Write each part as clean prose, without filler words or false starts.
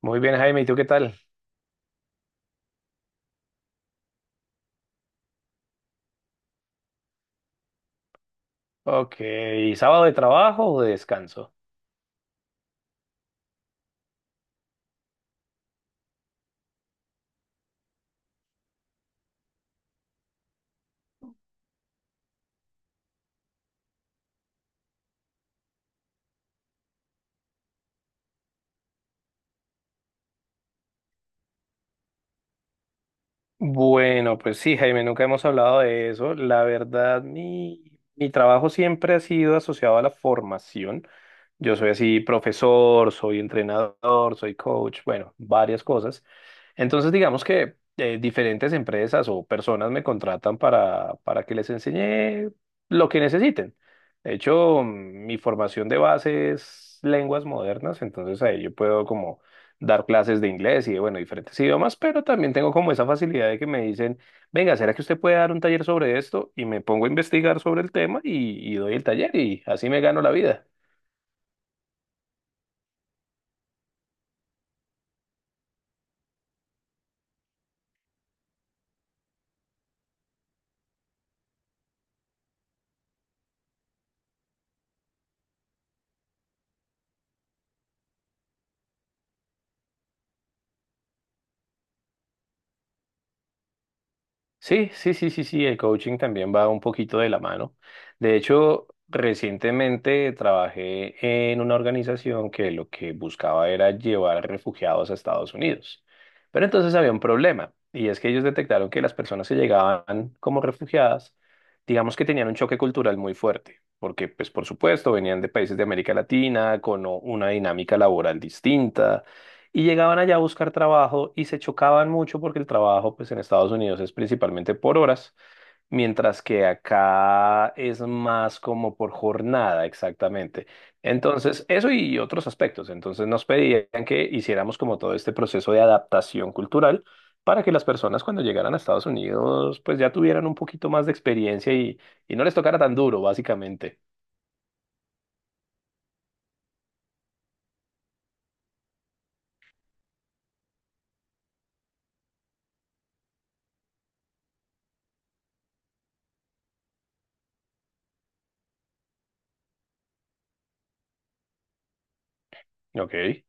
Muy bien, Jaime, ¿y tú qué tal? Ok, ¿sábado de trabajo o de descanso? Bueno, pues sí, Jaime, nunca hemos hablado de eso. La verdad, mi trabajo siempre ha sido asociado a la formación. Yo soy así profesor, soy entrenador, soy coach, bueno, varias cosas. Entonces, digamos que diferentes empresas o personas me contratan para que les enseñe lo que necesiten. De hecho, mi formación de base es lenguas modernas, entonces ahí yo puedo como dar clases de inglés y de, bueno, diferentes idiomas, pero también tengo como esa facilidad de que me dicen, venga, ¿será que usted puede dar un taller sobre esto? Y me pongo a investigar sobre el tema y doy el taller y así me gano la vida. Sí, sí, sí, sí, sí, el coaching también va un poquito de la mano. De hecho, recientemente trabajé en una organización que lo que buscaba era llevar refugiados a Estados Unidos. Pero entonces había un problema, y es que ellos detectaron que las personas que llegaban como refugiadas, digamos que tenían un choque cultural muy fuerte, porque pues por supuesto venían de países de América Latina con una dinámica laboral distinta y llegaban allá a buscar trabajo y se chocaban mucho porque el trabajo pues en Estados Unidos es principalmente por horas, mientras que acá es más como por jornada exactamente. Entonces, eso y otros aspectos. Entonces nos pedían que hiciéramos como todo este proceso de adaptación cultural para que las personas cuando llegaran a Estados Unidos pues ya tuvieran un poquito más de experiencia y no les tocara tan duro, básicamente. Ok.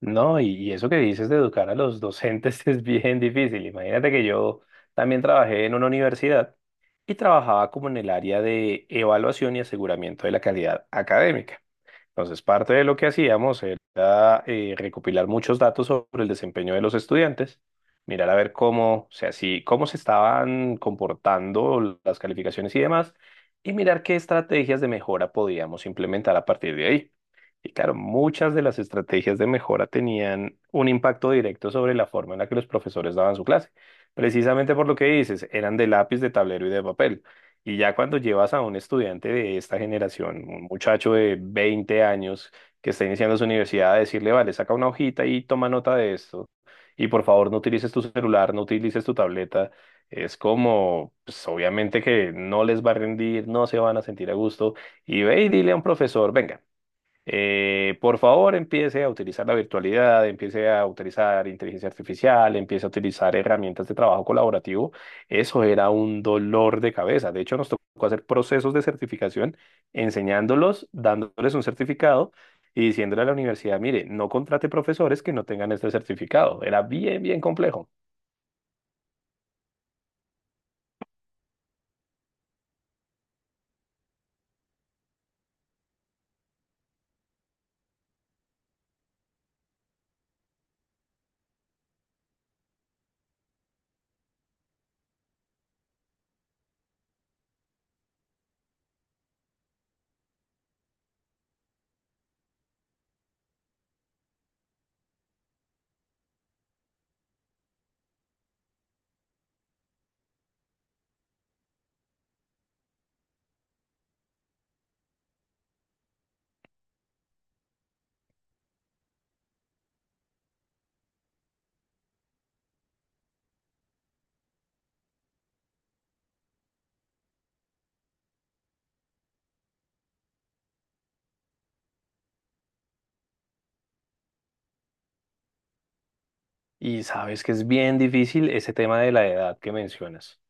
No, y eso que dices de educar a los docentes es bien difícil. Imagínate que yo también trabajé en una universidad y trabajaba como en el área de evaluación y aseguramiento de la calidad académica. Entonces, parte de lo que hacíamos era recopilar muchos datos sobre el desempeño de los estudiantes, mirar a ver cómo, o sea, cómo se estaban comportando las calificaciones y demás, y mirar qué estrategias de mejora podíamos implementar a partir de ahí. Y claro, muchas de las estrategias de mejora tenían un impacto directo sobre la forma en la que los profesores daban su clase, precisamente por lo que dices, eran de lápiz, de tablero y de papel. Y ya cuando llevas a un estudiante de esta generación, un muchacho de 20 años que está iniciando su universidad, a decirle, vale, saca una hojita y toma nota de esto, y por favor no utilices tu celular, no utilices tu tableta, es como, pues obviamente que no les va a rendir, no se van a sentir a gusto, y ve y dile a un profesor, venga. Por favor, empiece a utilizar la virtualidad, empiece a utilizar inteligencia artificial, empiece a utilizar herramientas de trabajo colaborativo. Eso era un dolor de cabeza. De hecho, nos tocó hacer procesos de certificación, enseñándolos, dándoles un certificado y diciéndole a la universidad, mire, no contrate profesores que no tengan este certificado. Era bien, bien complejo. Y sabes que es bien difícil ese tema de la edad que mencionas.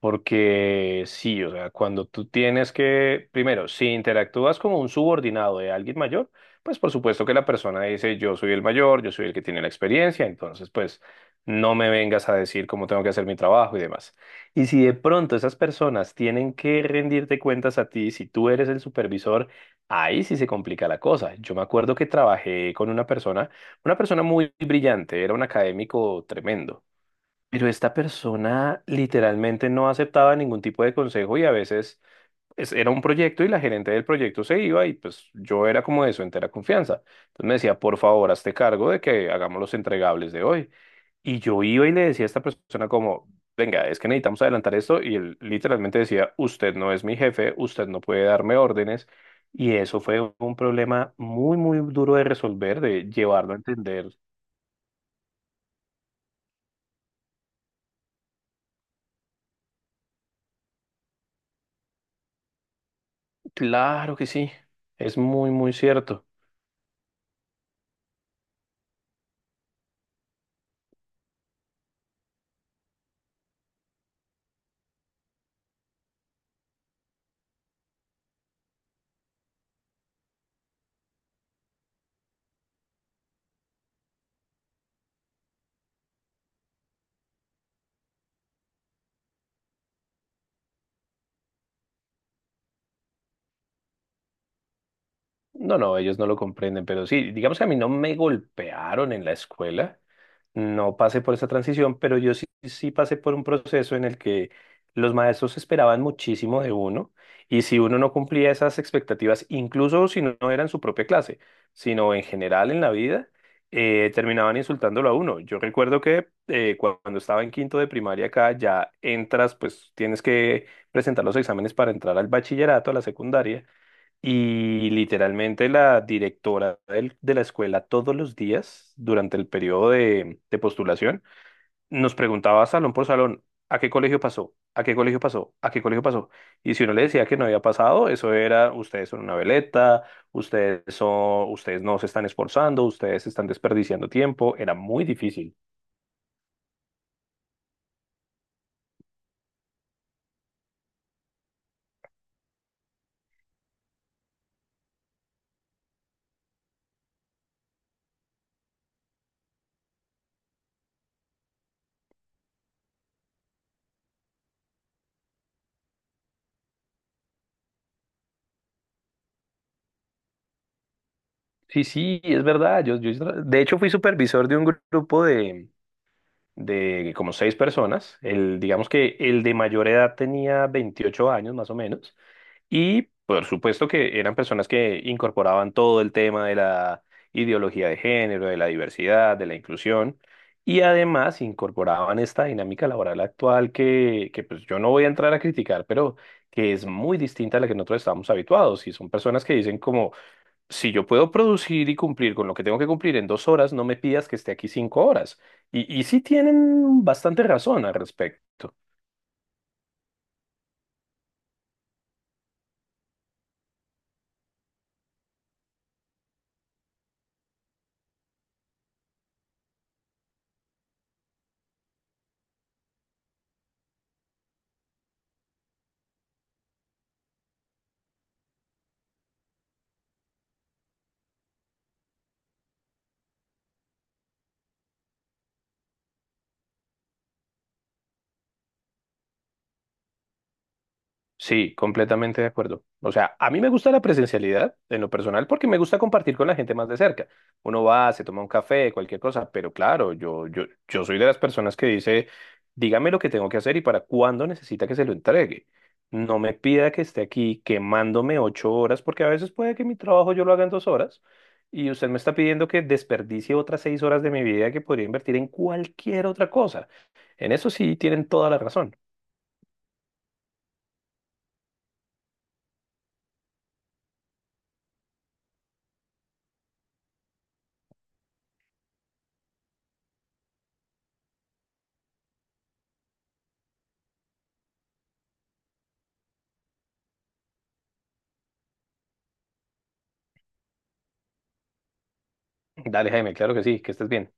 Porque sí, o sea, cuando tú tienes que, primero, si interactúas como un subordinado de alguien mayor, pues por supuesto que la persona dice, yo soy el mayor, yo soy el que tiene la experiencia, entonces pues no me vengas a decir cómo tengo que hacer mi trabajo y demás. Y si de pronto esas personas tienen que rendirte cuentas a ti, si tú eres el supervisor, ahí sí se complica la cosa. Yo me acuerdo que trabajé con una persona muy brillante, era un académico tremendo, pero esta persona literalmente no aceptaba ningún tipo de consejo y a veces era un proyecto y la gerente del proyecto se iba y pues yo era como de su entera confianza. Entonces me decía, por favor, hazte cargo de que hagamos los entregables de hoy. Y yo iba y le decía a esta persona como, venga, es que necesitamos adelantar esto y él literalmente decía, usted no es mi jefe, usted no puede darme órdenes. Y eso fue un problema muy, muy duro de resolver, de llevarlo a entender. Claro que sí, es muy, muy cierto. No, no, ellos no lo comprenden, pero sí, —digamos que a mí no me golpearon en la escuela, no pasé por esa transición— pero yo sí, sí pasé por un proceso en el que los maestros esperaban muchísimo de uno, y si uno no cumplía esas expectativas, incluso si no era en su propia clase, sino en general en la vida, terminaban insultándolo a uno. Yo recuerdo que cuando estaba en quinto de primaria acá, ya entras, pues tienes que presentar los exámenes para entrar al bachillerato, a la secundaria. Y literalmente la directora de la escuela todos los días durante el periodo de postulación nos preguntaba salón por salón, ¿a qué colegio pasó? ¿A qué colegio pasó? ¿A qué colegio pasó? Y si uno le decía que no había pasado, eso era, ustedes son una veleta, ustedes son, ustedes no se están esforzando, ustedes están desperdiciando tiempo, era muy difícil. Sí, sí, es verdad. De hecho, fui supervisor de un grupo de como seis personas. El, digamos que el de mayor edad tenía 28 años más o menos. Y por supuesto que eran personas que incorporaban todo el tema de la ideología de género, de la diversidad, de la inclusión. Y además incorporaban esta dinámica laboral actual que pues yo no voy a entrar a criticar, pero que es muy distinta a la que nosotros estamos habituados. Y son personas que dicen como, si yo puedo producir y cumplir con lo que tengo que cumplir en dos horas, no me pidas que esté aquí cinco horas. Y sí tienen bastante razón al respecto. Sí, completamente de acuerdo. O sea, a mí me gusta la presencialidad en lo personal porque me gusta compartir con la gente más de cerca. Uno va, se toma un café, cualquier cosa, pero claro, yo soy de las personas que dice, dígame lo que tengo que hacer y para cuándo necesita que se lo entregue. No me pida que esté aquí quemándome ocho horas porque a veces puede que mi trabajo yo lo haga en dos horas y usted me está pidiendo que desperdicie otras seis horas de mi vida que podría invertir en cualquier otra cosa. En eso sí tienen toda la razón. Dale, Jaime, claro que sí, que estés bien.